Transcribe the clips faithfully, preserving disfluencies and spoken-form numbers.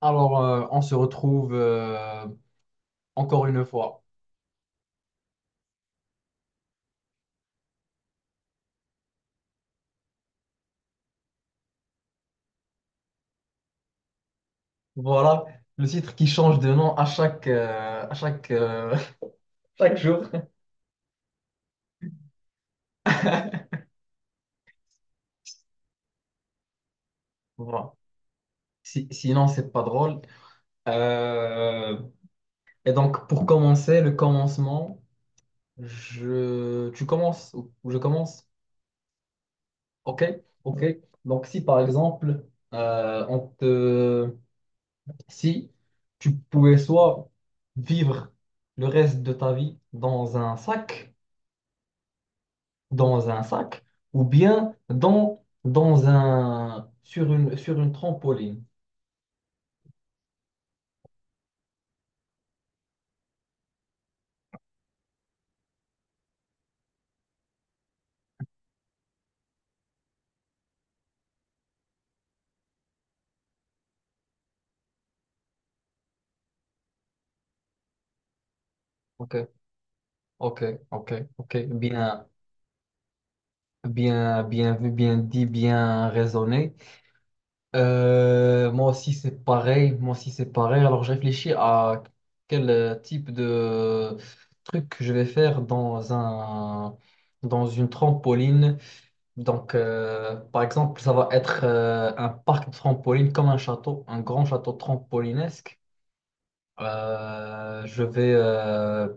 Alors, euh, on se retrouve euh, encore une fois. Voilà, le titre qui change de nom à chaque... euh, à chaque euh, voilà. Si- sinon, c'est pas drôle. Euh, et donc, pour commencer, le commencement, je... tu commences ou ou je commence? Ok, ok. Donc, si par exemple, euh, on te... si tu pouvais soit vivre le reste de ta vie dans un sac, dans un sac ou bien dans, dans un, sur une, sur une trampoline. Ok, ok, ok, ok. Bien, bien, bien vu, bien dit, bien raisonné. Euh, moi aussi, c'est pareil. Moi aussi, c'est pareil. Alors, je réfléchis à quel euh, type de truc que je vais faire dans un, dans une trampoline. Donc, euh, par exemple, ça va être euh, un parc de trampoline comme un château, un grand château trampolinesque. Euh, je vais, euh,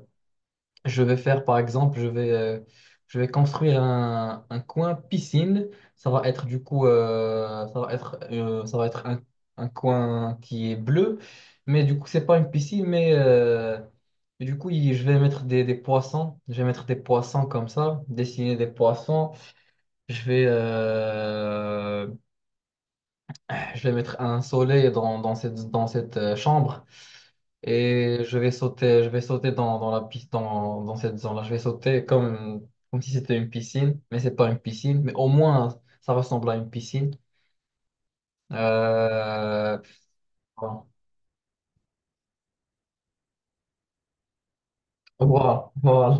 je vais faire, par exemple, je vais, euh, je vais construire un, un coin piscine. Ça va être du coup, euh, ça va être, euh, ça va être un, un coin qui est bleu, mais du coup, c'est pas une piscine, mais euh, et du coup, il- je vais mettre des, des poissons. Je vais mettre des poissons comme ça, dessiner des poissons. Je vais, euh, je vais mettre un soleil dans, dans cette, dans cette euh, chambre. Et je vais sauter, je vais sauter dans, dans la piste, dans, dans cette zone-là. Je vais sauter comme, comme si c'était une piscine, mais c'est pas une piscine, mais au moins ça ressemble à une piscine. Euh, voilà, voilà, voilà.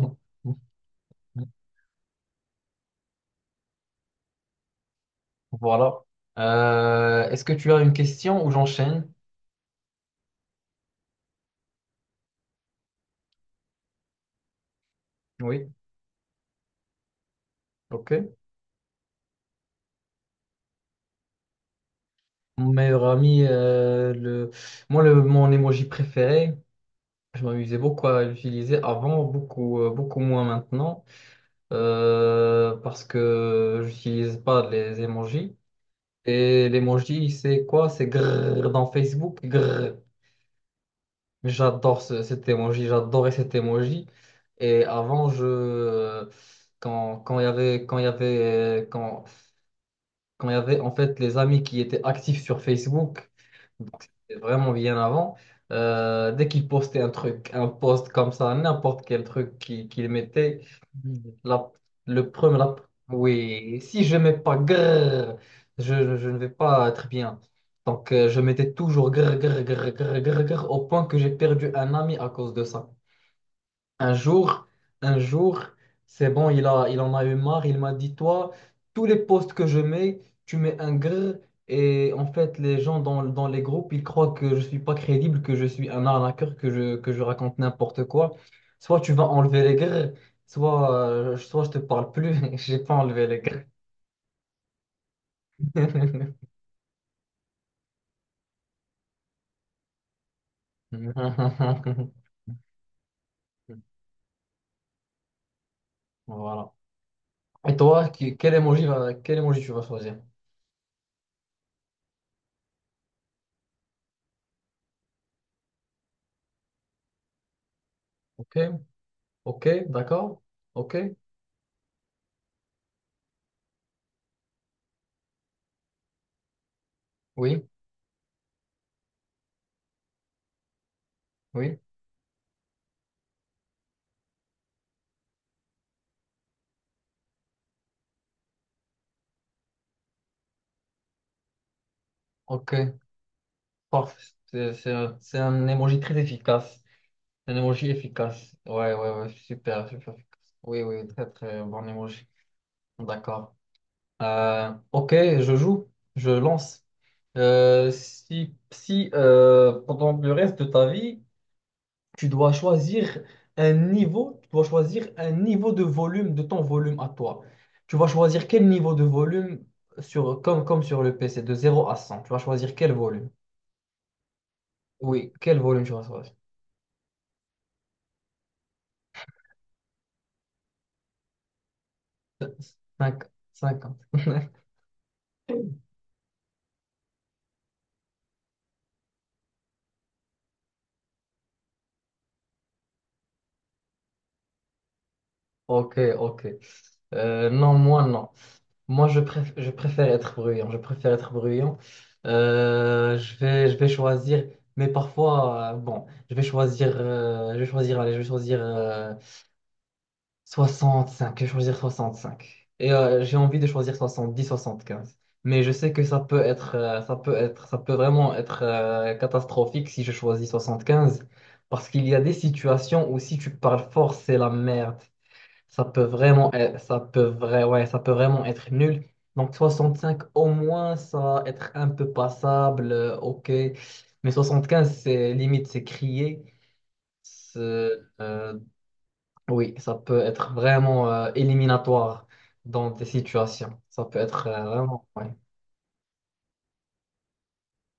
Voilà. Euh, est-ce que tu as une question ou j'enchaîne? Oui, ok. Mon meilleur ami, euh, le... moi, le, mon emoji préféré, je m'amusais beaucoup à l'utiliser avant, beaucoup, euh, beaucoup moins maintenant. Euh, parce que j'utilise pas les emojis. Et l'emoji, c'est quoi? C'est grrr dans Facebook, grrr. J'adore ce- cet emoji, j'adorais cet emoji. Et avant, je, quand, quand il y avait, quand il y avait, quand, quand il y avait en fait les amis qui étaient actifs sur Facebook, donc, c'était vraiment bien avant. Euh, dès qu'il postait un truc, un post comme ça, n'importe quel truc qu'il qu'il mettait, la, le premier, la- oui, si je mets pas grrr, je, je- je ne vais pas être bien. Donc, euh, je mettais toujours grrr, grrr, grrr, grrr, grrr, grrr, au point que j'ai perdu un ami à cause de ça. Un jour, un jour, c'est bon, il a, il en a eu marre. Il m'a dit, toi, tous les posts que je mets, tu mets un grrr. Et en fait, les gens dans, dans les groupes, ils croient que je suis pas crédible, que je suis un arnaqueur, que je, que je raconte n'importe quoi. Soit tu vas enlever les grrrs, soit, euh, soit je te parle plus. J'ai pas enlevé les grrrs. Voilà. Et toi, qui- quel emoji va, quel emoji tu vas choisir? Ok, ok, d'accord, ok, oui, oui, ok. Parfait. C'est c'est un, c'est un emoji très efficace. Un emoji efficace. Ouais, ouais, ouais. Super, super efficace. Oui, oui, très, très bon emoji. D'accord. Euh, ok, je joue. Je lance. Euh, si si euh, Pendant le reste de ta vie, tu dois choisir un niveau, tu dois choisir un niveau de volume de ton volume à toi. Tu vas choisir quel niveau de volume sur, comme, comme sur le P C, de zéro à cent. Tu vas choisir quel volume. Oui, quel volume tu vas choisir. Cinq- Cinquante. Ok, ok. Euh, non, moi, non. Moi, je préf- je préfère être bruyant. Je préfère être bruyant. Euh, je vais, je vais choisir, mais parfois, euh, bon, je vais choisir, euh, je vais choisir, allez, je vais choisir euh, soixante-cinq, je vais choisir soixante-cinq. Et euh, j'ai envie de choisir soixante-dix, soixante-quinze. Mais je sais que ça peut être, euh, ça peut être, ça peut vraiment être euh, catastrophique si je choisis soixante-quinze. Parce qu'il y a des situations où si tu parles fort, c'est la merde. Ça peut vraiment être, ça peut vrai, ouais, ça peut vraiment être nul. Donc soixante-cinq, au moins, ça va être un peu passable, euh, ok. Mais soixante-quinze, c'est limite, c'est crier. C'est, euh, oui, ça peut être vraiment euh, éliminatoire dans des situations. Ça peut être euh, vraiment, ouais.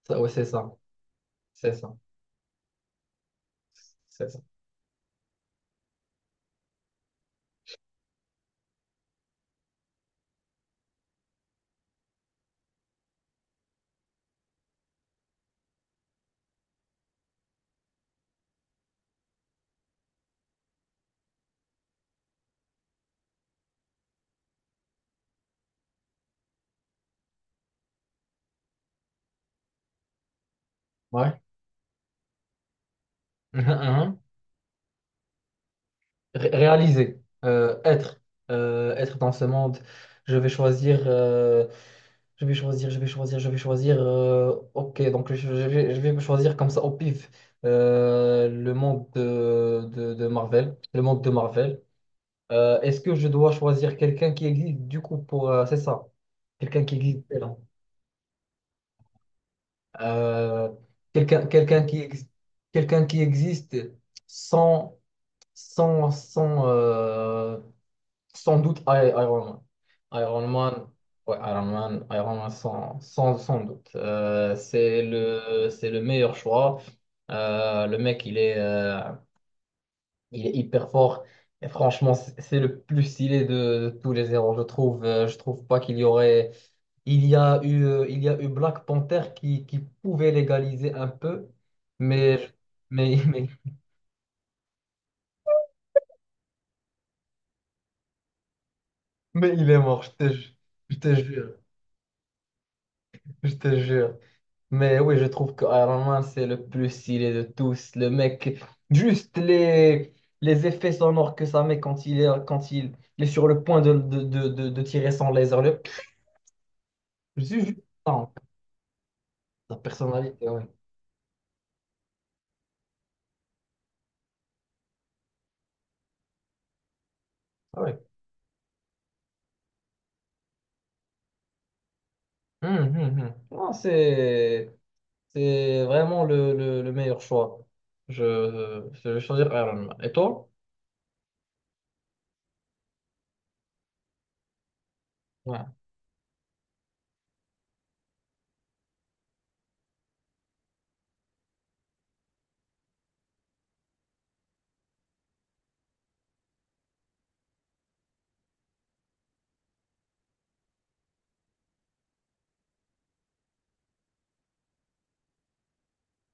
Ça, ouais, c'est ça. C'est ça. C'est ça. Ouais. Mhm. Mhm. Ré- réaliser, euh, être, euh, Être dans ce monde. Je vais choisir, euh, je vais choisir, je vais choisir, Je vais choisir. Euh, ok, donc je, je vais, je vais me choisir comme ça au pif. Euh, le monde de, de, de Marvel, le monde de Marvel. Euh, est-ce que je dois choisir quelqu'un qui existe du coup pour... euh, c'est ça. Quelqu'un qui existe. Pardon. Euh, quelqu'un quelqu'un qui, ex- quelqu'un qui existe sans, sans, sans, euh, sans doute I- Iron Man. Iron Man, ouais, Iron Man, Iron Man sans, sans, sans doute. Euh, c'est le, c'est le meilleur choix. Euh, le mec, il est, euh, Il est hyper fort. Et franchement, c- c'est le plus stylé de, de tous les héros, je trouve. Euh, je trouve pas qu'il y aurait. Il y a eu, euh, il y a eu Black Panther qui, qui pouvait l'égaliser un peu, mais, mais, mais, mais il est mort, je te, ju- je te jure. Je te jure. Mais oui, je trouve que Iron Man, c'est le plus stylé de tous. Le mec, juste les, les effets sonores que ça met quand il est, quand il, est sur le point de, de, de, de, de tirer son laser. Le... Juste ça. Sa personnalité, oui. Ah oui. Hum, hum, hum. Non, c'est, c'est vraiment le, le, le meilleur choix. Je, je vais choisir Iron Man. Et toi? Ouais.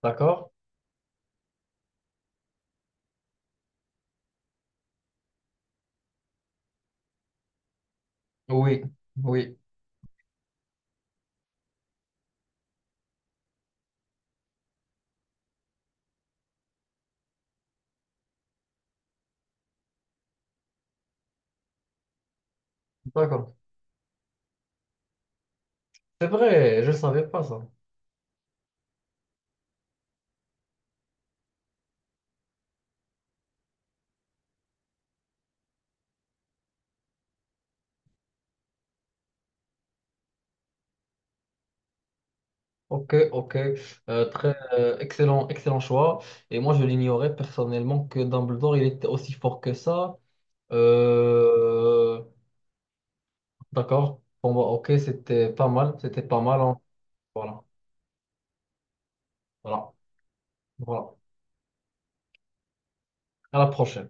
D'accord? Oui, oui. D'accord. C'est vrai, je ne savais pas ça. Ok, ok. Euh, très euh, excellent, excellent choix. Et moi, je l'ignorais personnellement que Dumbledore, il était aussi fort que ça. Euh, d'accord. Bon, bah, ok, c'était pas mal. C'était pas mal. Hein. Voilà, voilà, voilà. À la prochaine.